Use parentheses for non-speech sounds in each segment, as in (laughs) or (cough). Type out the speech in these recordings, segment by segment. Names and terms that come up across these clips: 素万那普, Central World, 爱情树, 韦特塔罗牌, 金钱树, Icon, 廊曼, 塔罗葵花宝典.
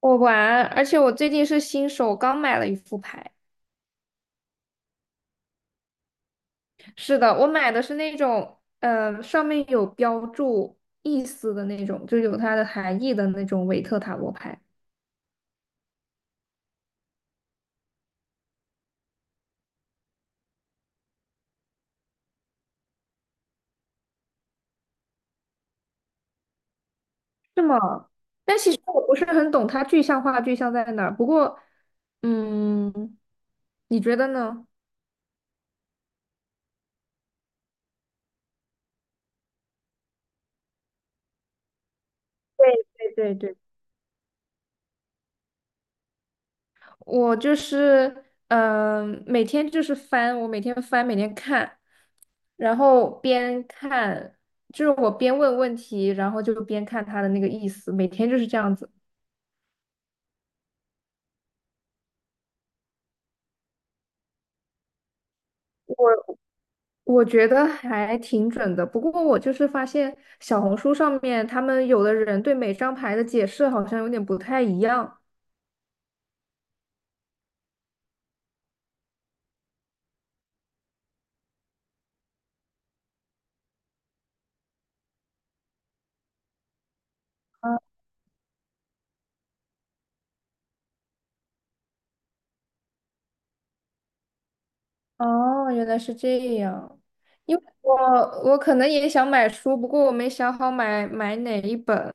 我玩，而且我最近是新手，刚买了一副牌。是的，我买的是那种，上面有标注意思的那种，就有它的含义的那种韦特塔罗牌。是吗？但其实我不是很懂它具象化具象在哪儿。不过，嗯，你觉得呢？对对对对。我就是，每天就是翻，我每天翻，每天看，然后边看，就是我边问问题，然后就边看他的那个意思，每天就是这样子。我我觉得还挺准的，不过我就是发现小红书上面他们有的人对每张牌的解释好像有点不太一样。嗯哦，原来是这样。因为我可能也想买书，不过我没想好买哪一本。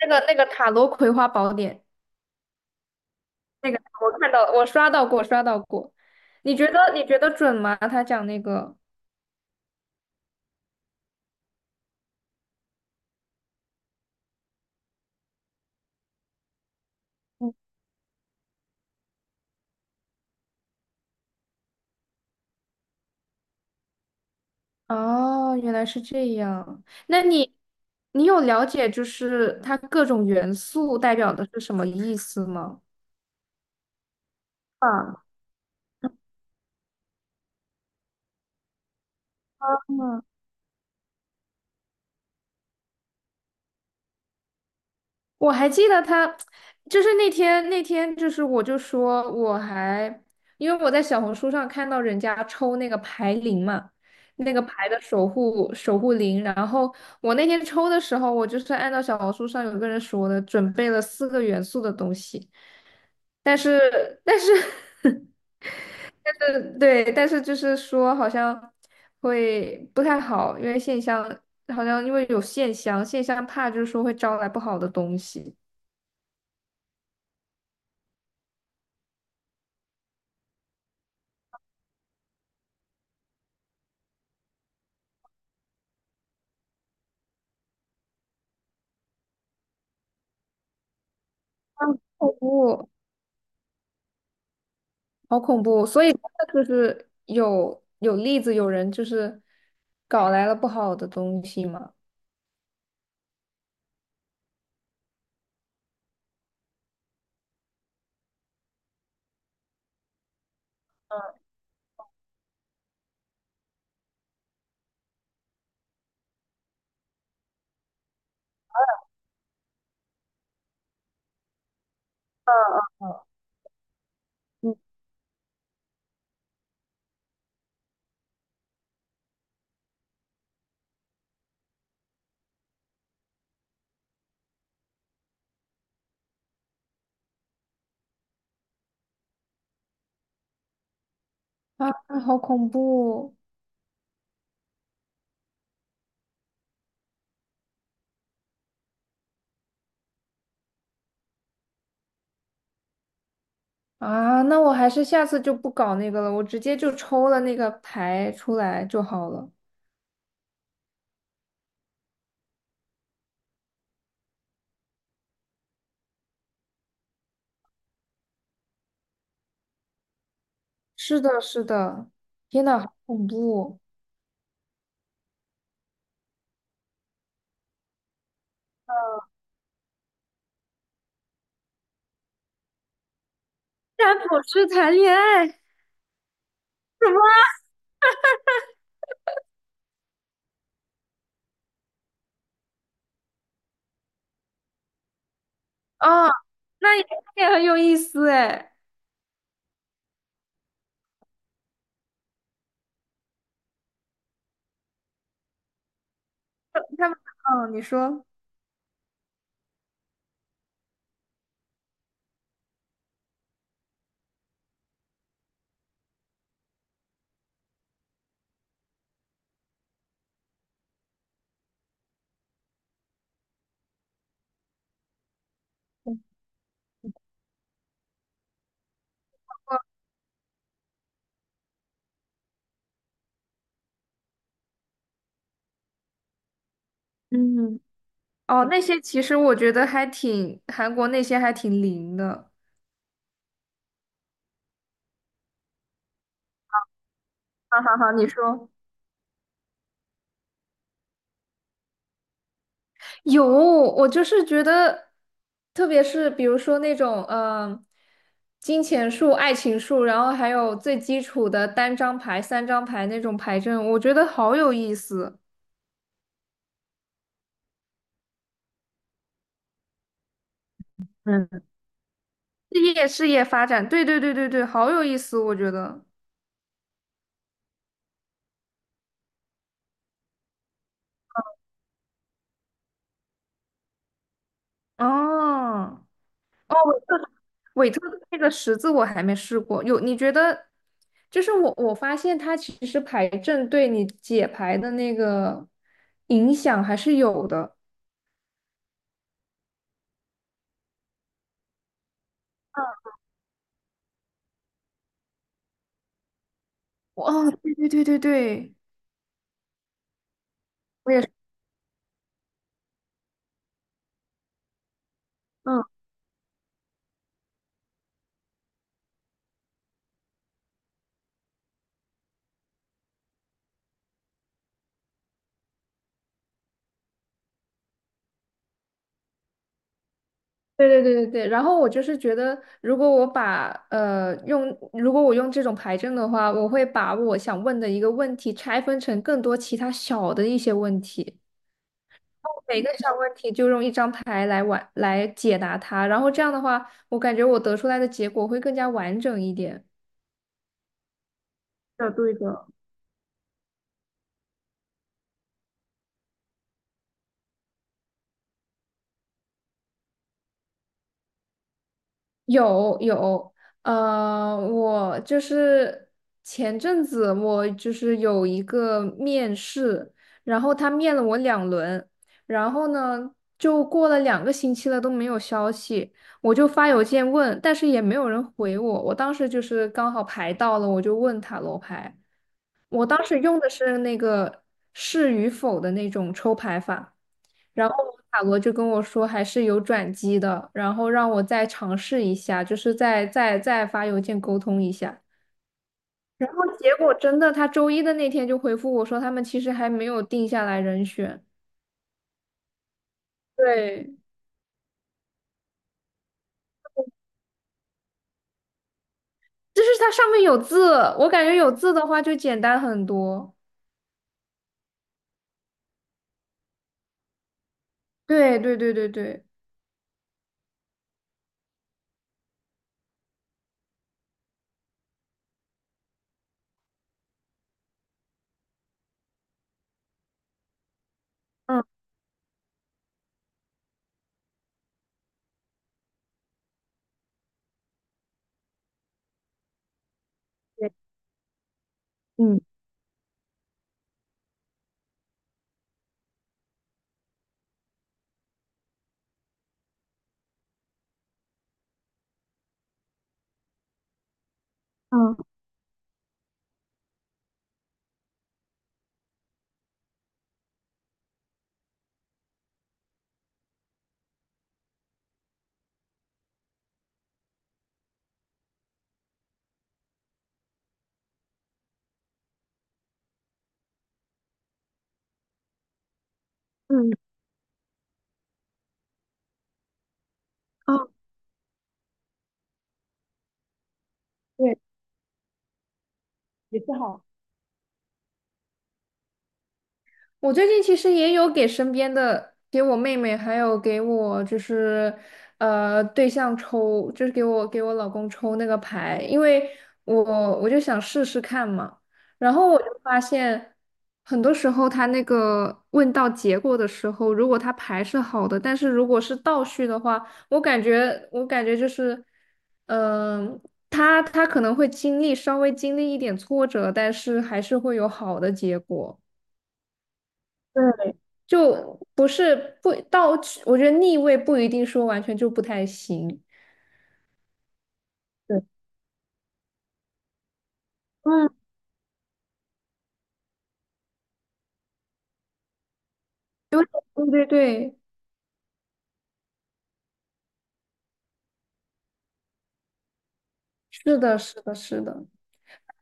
那个塔罗葵花宝典，那个我看到我刷到过，你觉得准吗？他讲那个，嗯哦，原来是这样。那你有了解就是它各种元素代表的是什么意思吗？啊，我还记得他，就是那天，就是我就说我还，因为我在小红书上看到人家抽那个牌灵嘛，那个牌的守护灵，然后我那天抽的时候，我就是按照小红书上有个人说的，准备了四个元素的东西，但是 (laughs) 但是对，但是就是说好像会不太好，因为线香好像因为有线香，线香怕就是说会招来不好的东西。好恐怖，好恐怖！所以真的就是有例子，有人就是搞来了不好的东西嘛。嗯，啊，好恐怖啊！那我还是下次就不搞那个了，我直接就抽了那个牌出来就好了。是的，是的，天呐，好恐怖！占卜师谈恋爱什么啊？那也那也很有意思哎。他们，嗯，你说。嗯哦，那些其实我觉得还挺，韩国那些还挺灵的。好好好，你说。有，我就是觉得，特别是比如说那种，金钱树、爱情树，然后还有最基础的单张牌、三张牌那种牌阵，我觉得好有意思。嗯，事业发展，对对对对对，好有意思，我觉得。哦，哦，我韦特的那个十字我还没试过，有你觉得？就是我发现它其实牌阵对你解牌的那个影响还是有的。哦，对对对对对，我也是，嗯，对对对对对。然后我就是觉得，如果我把用，如果我用这种牌阵的话，我会把我想问的一个问题拆分成更多其他小的一些问题。每个小问题就用一张牌来解答它，然后这样的话，我感觉我得出来的结果会更加完整一点。的，对的。有，我就是前阵子我就是有一个面试，然后他面了我2轮，然后呢就过了2个星期了都没有消息，我就发邮件问，但是也没有人回我，我当时就是刚好排到了，我就问塔罗牌。我当时用的是那个是与否的那种抽牌法，然后塔罗就跟我说还是有转机的，然后让我再尝试一下，就是再发邮件沟通一下。然后结果真的，他周一的那天就回复我说，他们其实还没有定下来人选。对，就是它上面有字，我感觉有字的话就简单很多。对对对对对，嗯，对，嗯嗯嗯，哦，对，也是好。我最近其实也有给身边的，给我妹妹，还有给我就是，对象抽，就是给我老公抽那个牌，因为我我就想试试看嘛。然后我就发现，很多时候他那个问到结果的时候，如果他牌是好的，但是如果是倒序的话，我感觉就是，嗯、他可能会经历稍微经历一点挫折，但是还是会有好的结果。对。就不是不到，我觉得逆位不一定说完全就不太行。对，嗯，对对对，是的，是的，是的。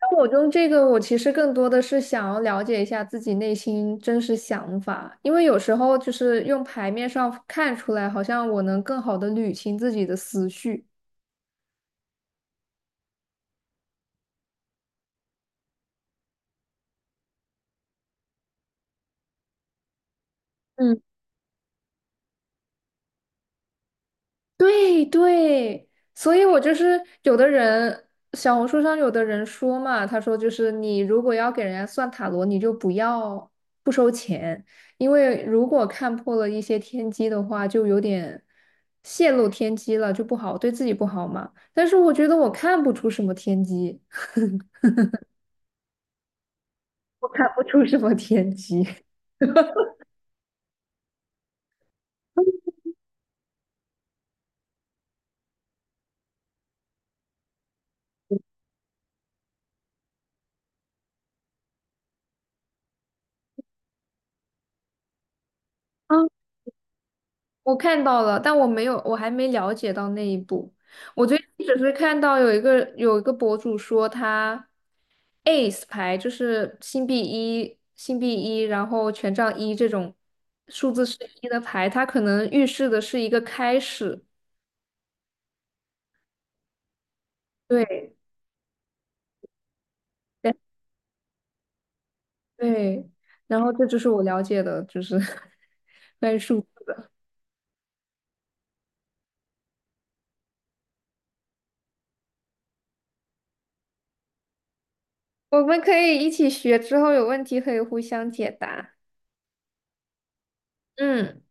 那我用这个，我其实更多的是想要了解一下自己内心真实想法，因为有时候就是用牌面上看出来，好像我能更好的捋清自己的思绪。嗯。对对，所以我就是有的人，小红书上有的人说嘛，他说就是你如果要给人家算塔罗，你就不要不收钱，因为如果看破了一些天机的话，就有点泄露天机了，就不好，对自己不好嘛。但是我觉得我看不出什么天机，(laughs) 我看不出什么天机。(laughs) 我看到了，但我没有，我还没了解到那一步。我最近只是看到有一个博主说他 ace 牌就是星币一，然后权杖一这种数字是一的牌，它可能预示的是一个开始。对，对，对然后这就是我了解的，就是 (laughs) 关于数字。我们可以一起学，之后有问题可以互相解答。嗯。